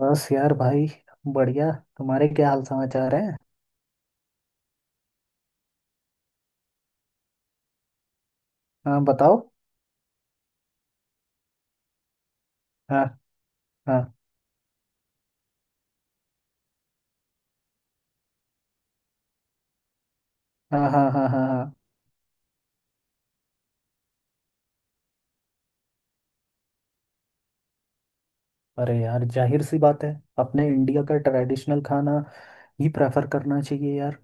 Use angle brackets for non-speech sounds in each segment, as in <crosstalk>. बस यार भाई, बढ़िया। तुम्हारे क्या हाल समाचार है? हाँ, बताओ। हाँ हाँ हाँ हाँ हाँ हाँ हाँ। अरे यार, जाहिर सी बात है, अपने इंडिया का ट्रेडिशनल खाना ही प्रेफर करना चाहिए यार।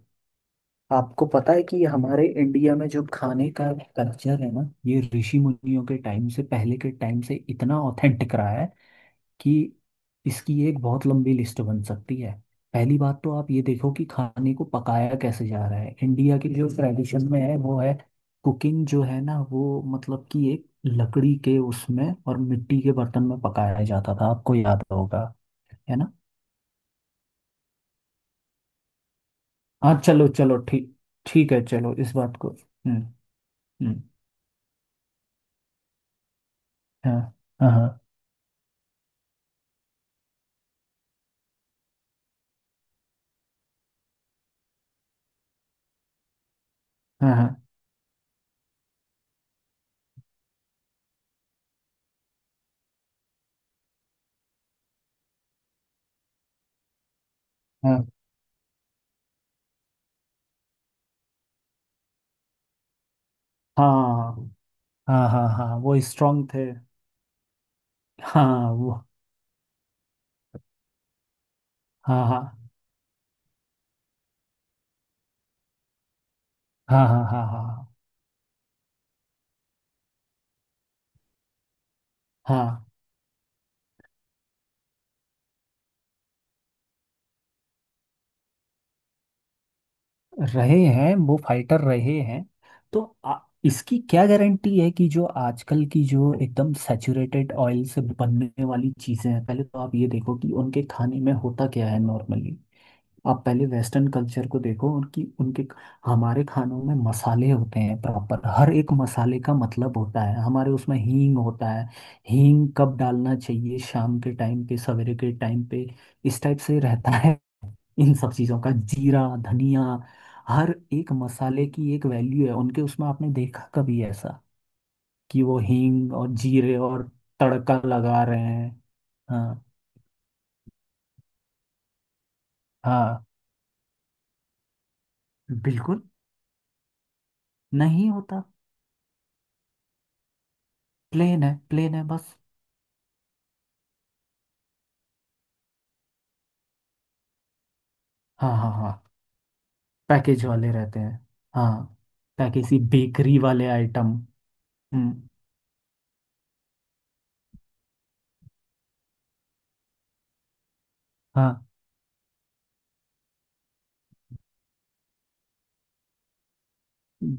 आपको पता है कि ये हमारे इंडिया में जो खाने का कल्चर है ना, ये ऋषि मुनियों के टाइम से, पहले के टाइम से इतना ऑथेंटिक रहा है कि इसकी एक बहुत लंबी लिस्ट बन सकती है। पहली बात तो आप ये देखो कि खाने को पकाया कैसे जा रहा है। इंडिया की जो ट्रेडिशन में है वो है कुकिंग, जो है ना, वो मतलब कि एक लकड़ी के उसमें और मिट्टी के बर्तन में पकाया जाता था, आपको याद होगा। है ना? हाँ, चलो चलो ठीक। ठीक है, चलो इस बात को। हम्म। हम्म। हाँ हाँ हाँ हाँ हाँ हाँ हाँ हाँ हाँ हाँ, वो स्ट्रांग थे। हाँ, वो हाँ हाँ हाँ हाँ हाँ हाँ हाँ रहे हैं, वो फाइटर रहे हैं। तो इसकी क्या गारंटी है कि जो आजकल की, जो एकदम सैचुरेटेड ऑयल से बनने वाली चीज़ें हैं। पहले तो आप ये देखो कि उनके खाने में होता क्या है नॉर्मली। आप पहले वेस्टर्न कल्चर को देखो, उनकी उनके हमारे खानों में मसाले होते हैं प्रॉपर। हर एक मसाले का मतलब होता है, हमारे उसमें हींग होता है। हींग कब डालना चाहिए? शाम के टाइम पे, सवेरे के टाइम पे, इस टाइप से रहता है। इन सब चीज़ों का जीरा, धनिया। हर एक मसाले की एक वैल्यू है उनके उसमें। आपने देखा कभी ऐसा कि वो हींग और जीरे और तड़का लगा रहे हैं? हाँ हाँ। बिल्कुल, नहीं होता। प्लेन है, प्लेन है बस। हाँ हाँ हाँ, पैकेज वाले रहते हैं। हाँ, पैकेज ही, बेकरी वाले आइटम। हम्म। हाँ,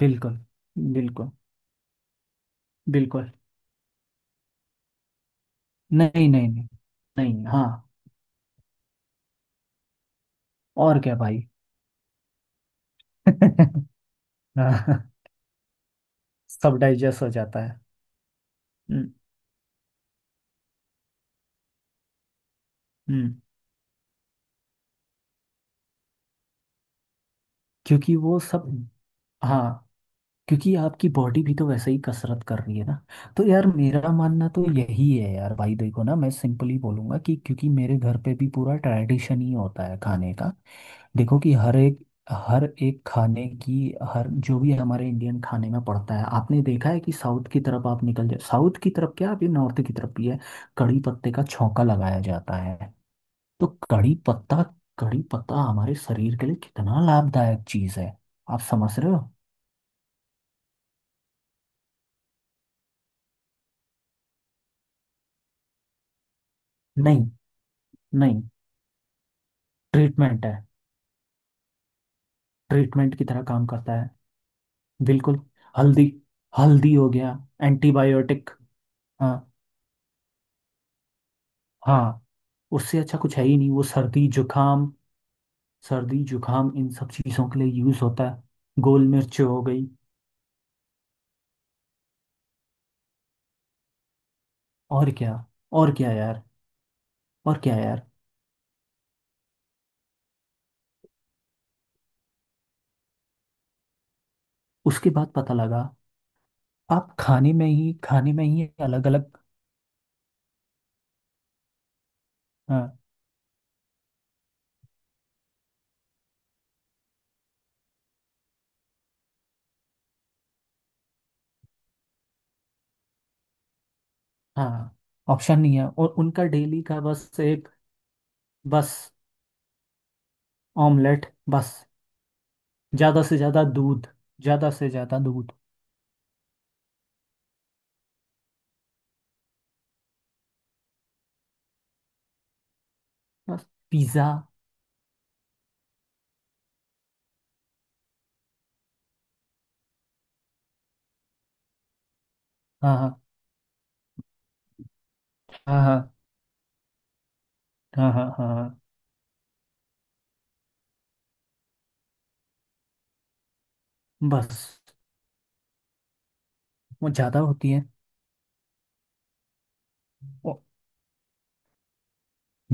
बिल्कुल। बिल्कुल। बिल्कुल। नहीं नहीं नहीं। नहीं, हाँ। और क्या भाई। <laughs> हाँ, सब डाइजेस्ट हो जाता है। हम्म। हम्म। क्योंकि वो सब, हाँ, क्योंकि आपकी बॉडी भी तो वैसे ही कसरत कर रही है ना। तो यार, मेरा मानना तो यही है यार भाई। देखो ना, मैं सिंपली बोलूंगा कि क्योंकि मेरे घर पे भी पूरा ट्रेडिशन ही होता है खाने का। देखो कि हर एक, हर एक खाने की, हर जो भी हमारे इंडियन खाने में पड़ता है। आपने देखा है कि साउथ की तरफ आप निकल जाए, साउथ की तरफ क्या, अभी नॉर्थ की तरफ भी है, कड़ी पत्ते का छौंका लगाया जाता है। तो कड़ी पत्ता, कड़ी पत्ता हमारे शरीर के लिए कितना लाभदायक चीज है। आप समझ रहे हो? नहीं, नहीं, ट्रीटमेंट है। ट्रीटमेंट की तरह काम करता है। बिल्कुल। हल्दी। हल्दी हो गया। एंटीबायोटिक। हाँ हाँ। उससे अच्छा कुछ है ही नहीं, वो सर्दी जुकाम, सर्दी जुकाम, इन सब चीजों के लिए यूज होता है। गोल मिर्च हो गई। और क्या। और क्या यार। और क्या यार। उसके बाद पता लगा। आप खाने में ही, खाने में ही अलग अलग। हाँ, ऑप्शन नहीं है, और उनका डेली का बस एक। बस ऑमलेट बस। ज़्यादा से ज़्यादा दूध। ज़्यादा से ज़्यादा दूध। बस पिज़्ज़ा। हाँ हाँ हाँ हाँ हाँ हाँ हाँ, हाँ, बस। वो ज़्यादा होती है। ओ,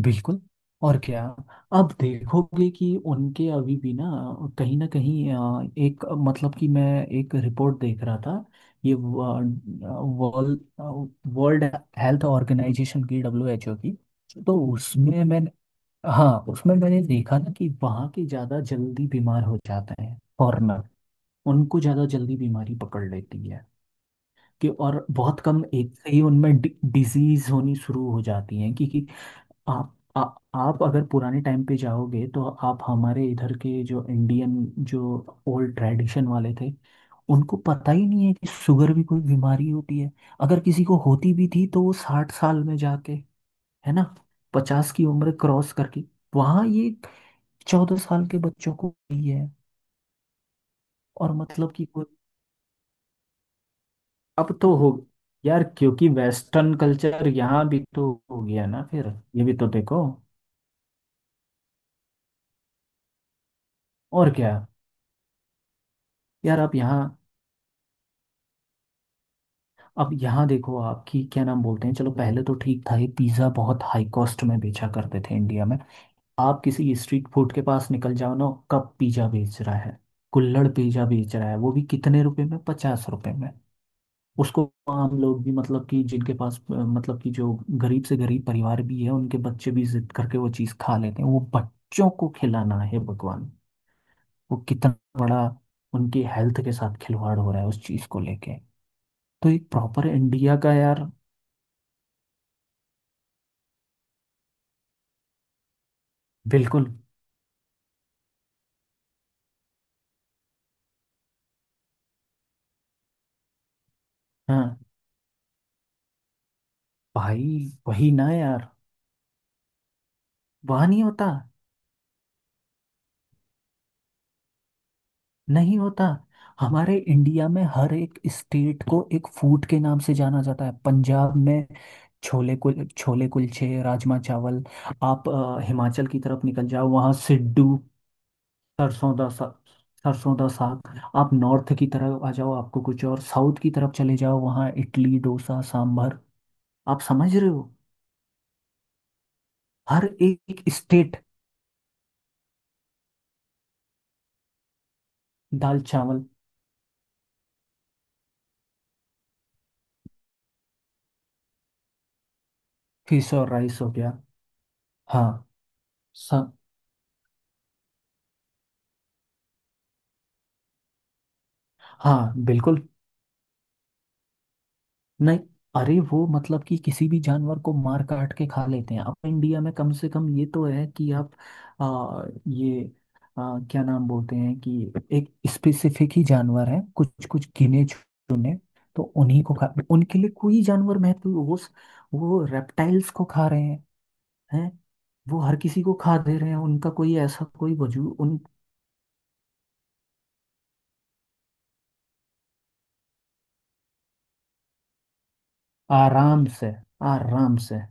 बिल्कुल। और क्या। अब देखोगे कि उनके अभी भी ना, कहीं ना कहीं एक मतलब कि मैं एक रिपोर्ट देख रहा था। ये वर्ल्ड वर्ल्ड हेल्थ ऑर्गेनाइजेशन की, डब्ल्यू एच ओ की। तो उसमें मैंने, हाँ, उसमें मैंने देखा ना कि वहाँ के ज़्यादा जल्दी बीमार हो जाते हैं फॉरेनर। उनको ज़्यादा जल्दी बीमारी पकड़ लेती है कि, और बहुत कम एज से ही उनमें डिजीज होनी शुरू हो जाती है कि आप आप अगर पुराने टाइम पे जाओगे तो आप हमारे इधर के जो इंडियन, जो ओल्ड ट्रेडिशन वाले थे, उनको पता ही नहीं है कि शुगर भी कोई बीमारी होती है। अगर किसी को होती भी थी तो वो 60 साल में जाके, है ना, 50 की उम्र क्रॉस करके। वहाँ ये 14 साल के बच्चों को वही है। और मतलब कि कोई, अब तो हो यार, क्योंकि वेस्टर्न कल्चर यहाँ भी तो हो गया ना फिर। ये भी तो देखो। और क्या यार। आप यहाँ, अब यहाँ देखो आपकी, क्या नाम बोलते हैं, चलो पहले तो ठीक था, ये पिज़्ज़ा बहुत हाई कॉस्ट में बेचा करते थे इंडिया में। आप किसी स्ट्रीट फूड के पास निकल जाओ ना, कब पिज़्ज़ा बेच रहा है, कुल्हड़ पिज़्ज़ा बेच रहा है वो भी कितने रुपए में, 50 रुपए में। उसको हम लोग भी, मतलब कि जिनके पास मतलब कि जो गरीब से गरीब परिवार भी है, उनके बच्चे भी जिद करके वो चीज़ खा लेते हैं। वो बच्चों को खिलाना है, भगवान, वो कितना बड़ा उनकी हेल्थ के साथ खिलवाड़ हो रहा है उस चीज़ को लेके। तो एक प्रॉपर इंडिया का यार। बिल्कुल। हाँ भाई। वही ना यार। वहाँ नहीं होता। नहीं होता। हमारे इंडिया में हर एक स्टेट को एक फूड के नाम से जाना जाता है। पंजाब में छोले, कुल छोले कुलचे, राजमा चावल। आप हिमाचल की तरफ निकल जाओ, वहाँ सिड्डू। सरसों दा सा सरसों दा साग। आप नॉर्थ की तरफ आ जाओ, आपको कुछ और, साउथ की तरफ चले जाओ वहाँ इडली डोसा सांभर। आप समझ रहे हो? हर एक स्टेट। दाल चावल। फिश और राइस हो गया। हाँ। स- हाँ, बिल्कुल। नहीं। अरे वो मतलब कि किसी भी जानवर को मार काट के खा लेते हैं। अपने इंडिया में कम से कम ये तो है कि आप ये क्या नाम बोलते हैं, कि एक स्पेसिफिक ही जानवर है, कुछ कुछ गिने चुने, तो उन्हीं को खा। उनके लिए कोई जानवर महत्व, वो रेप्टाइल्स को खा रहे हैं। हैं। वो हर किसी को खा दे रहे हैं, उनका कोई ऐसा, कोई वजूद उन। आराम से। आराम से।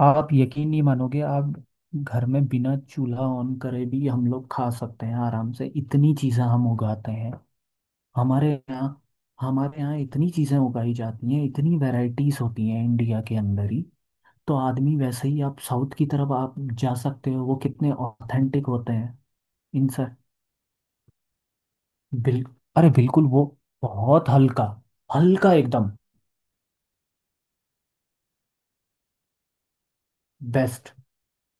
आप यकीन नहीं मानोगे। आप घर में बिना चूल्हा ऑन करे भी हम लोग खा सकते हैं आराम से, इतनी चीज़ें हम उगाते हैं हमारे यहाँ। हमारे यहाँ इतनी चीज़ें उगाई जाती हैं, इतनी वैरायटीज होती हैं इंडिया के अंदर ही। तो आदमी वैसे ही, आप साउथ की तरफ आप जा सकते हो, वो कितने ऑथेंटिक होते हैं इनसे। बिल अरे बिल्कुल, वो बहुत हल्का। हल्का एकदम। बेस्ट।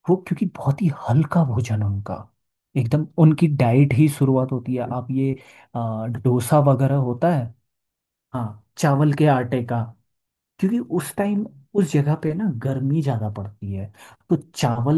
वो क्योंकि बहुत ही हल्का भोजन उनका एकदम, उनकी डाइट ही शुरुआत होती है आप ये डोसा वगैरह होता है। हाँ, चावल के आटे का। क्योंकि उस टाइम, उस जगह पे ना गर्मी ज्यादा पड़ती है, तो चावल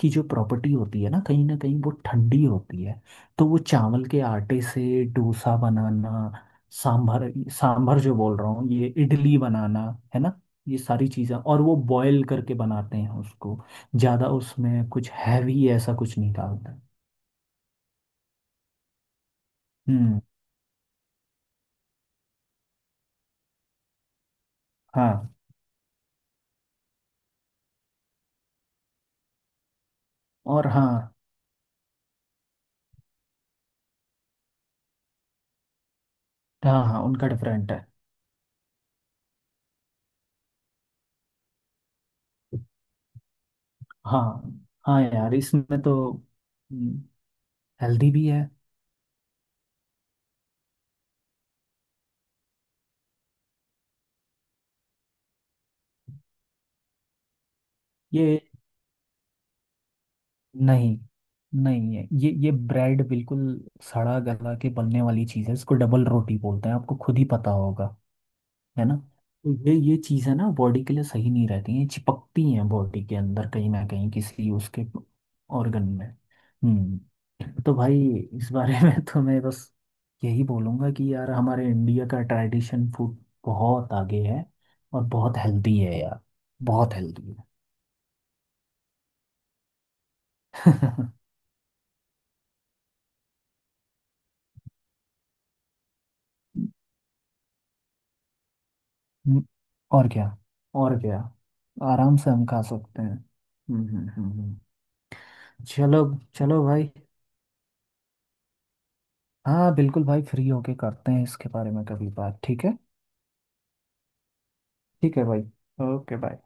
की जो प्रॉपर्टी होती है ना, कहीं ना कहीं वो ठंडी होती है। तो वो चावल के आटे से डोसा बनाना, सांभर। सांभर जो बोल रहा हूँ, ये इडली बनाना, है ना, ये सारी चीज़ें, और वो बॉयल करके बनाते हैं उसको। ज्यादा उसमें कुछ हैवी ऐसा कुछ नहीं डालते। हम्म। हाँ। और हाँ हाँ हाँ, उनका डिफरेंट है। हाँ। हाँ यार, इसमें तो हेल्दी भी है। ये नहीं, नहीं है, ये ब्रेड बिल्कुल सड़ा गला के बनने वाली चीज़ है, इसको डबल रोटी बोलते हैं, आपको खुद ही पता होगा। है ना? तो ये चीज़ है ना, बॉडी के लिए सही नहीं रहती है, चिपकती हैं बॉडी के अंदर कहीं ना कहीं किसी उसके ऑर्गन में। तो भाई, इस बारे में तो मैं बस यही बोलूँगा कि यार, हमारे इंडिया का ट्रेडिशन फूड बहुत आगे है और बहुत हेल्दी है यार। बहुत हेल्दी है। <laughs> हम्म, और क्या। और क्या। आराम से हम खा सकते हैं। हम्म हम्म हम्म, हम्म। चलो। चलो भाई। हाँ बिल्कुल भाई, फ्री होके करते हैं इसके बारे में कभी बात, ठीक है। ठीक है भाई। Okay bye.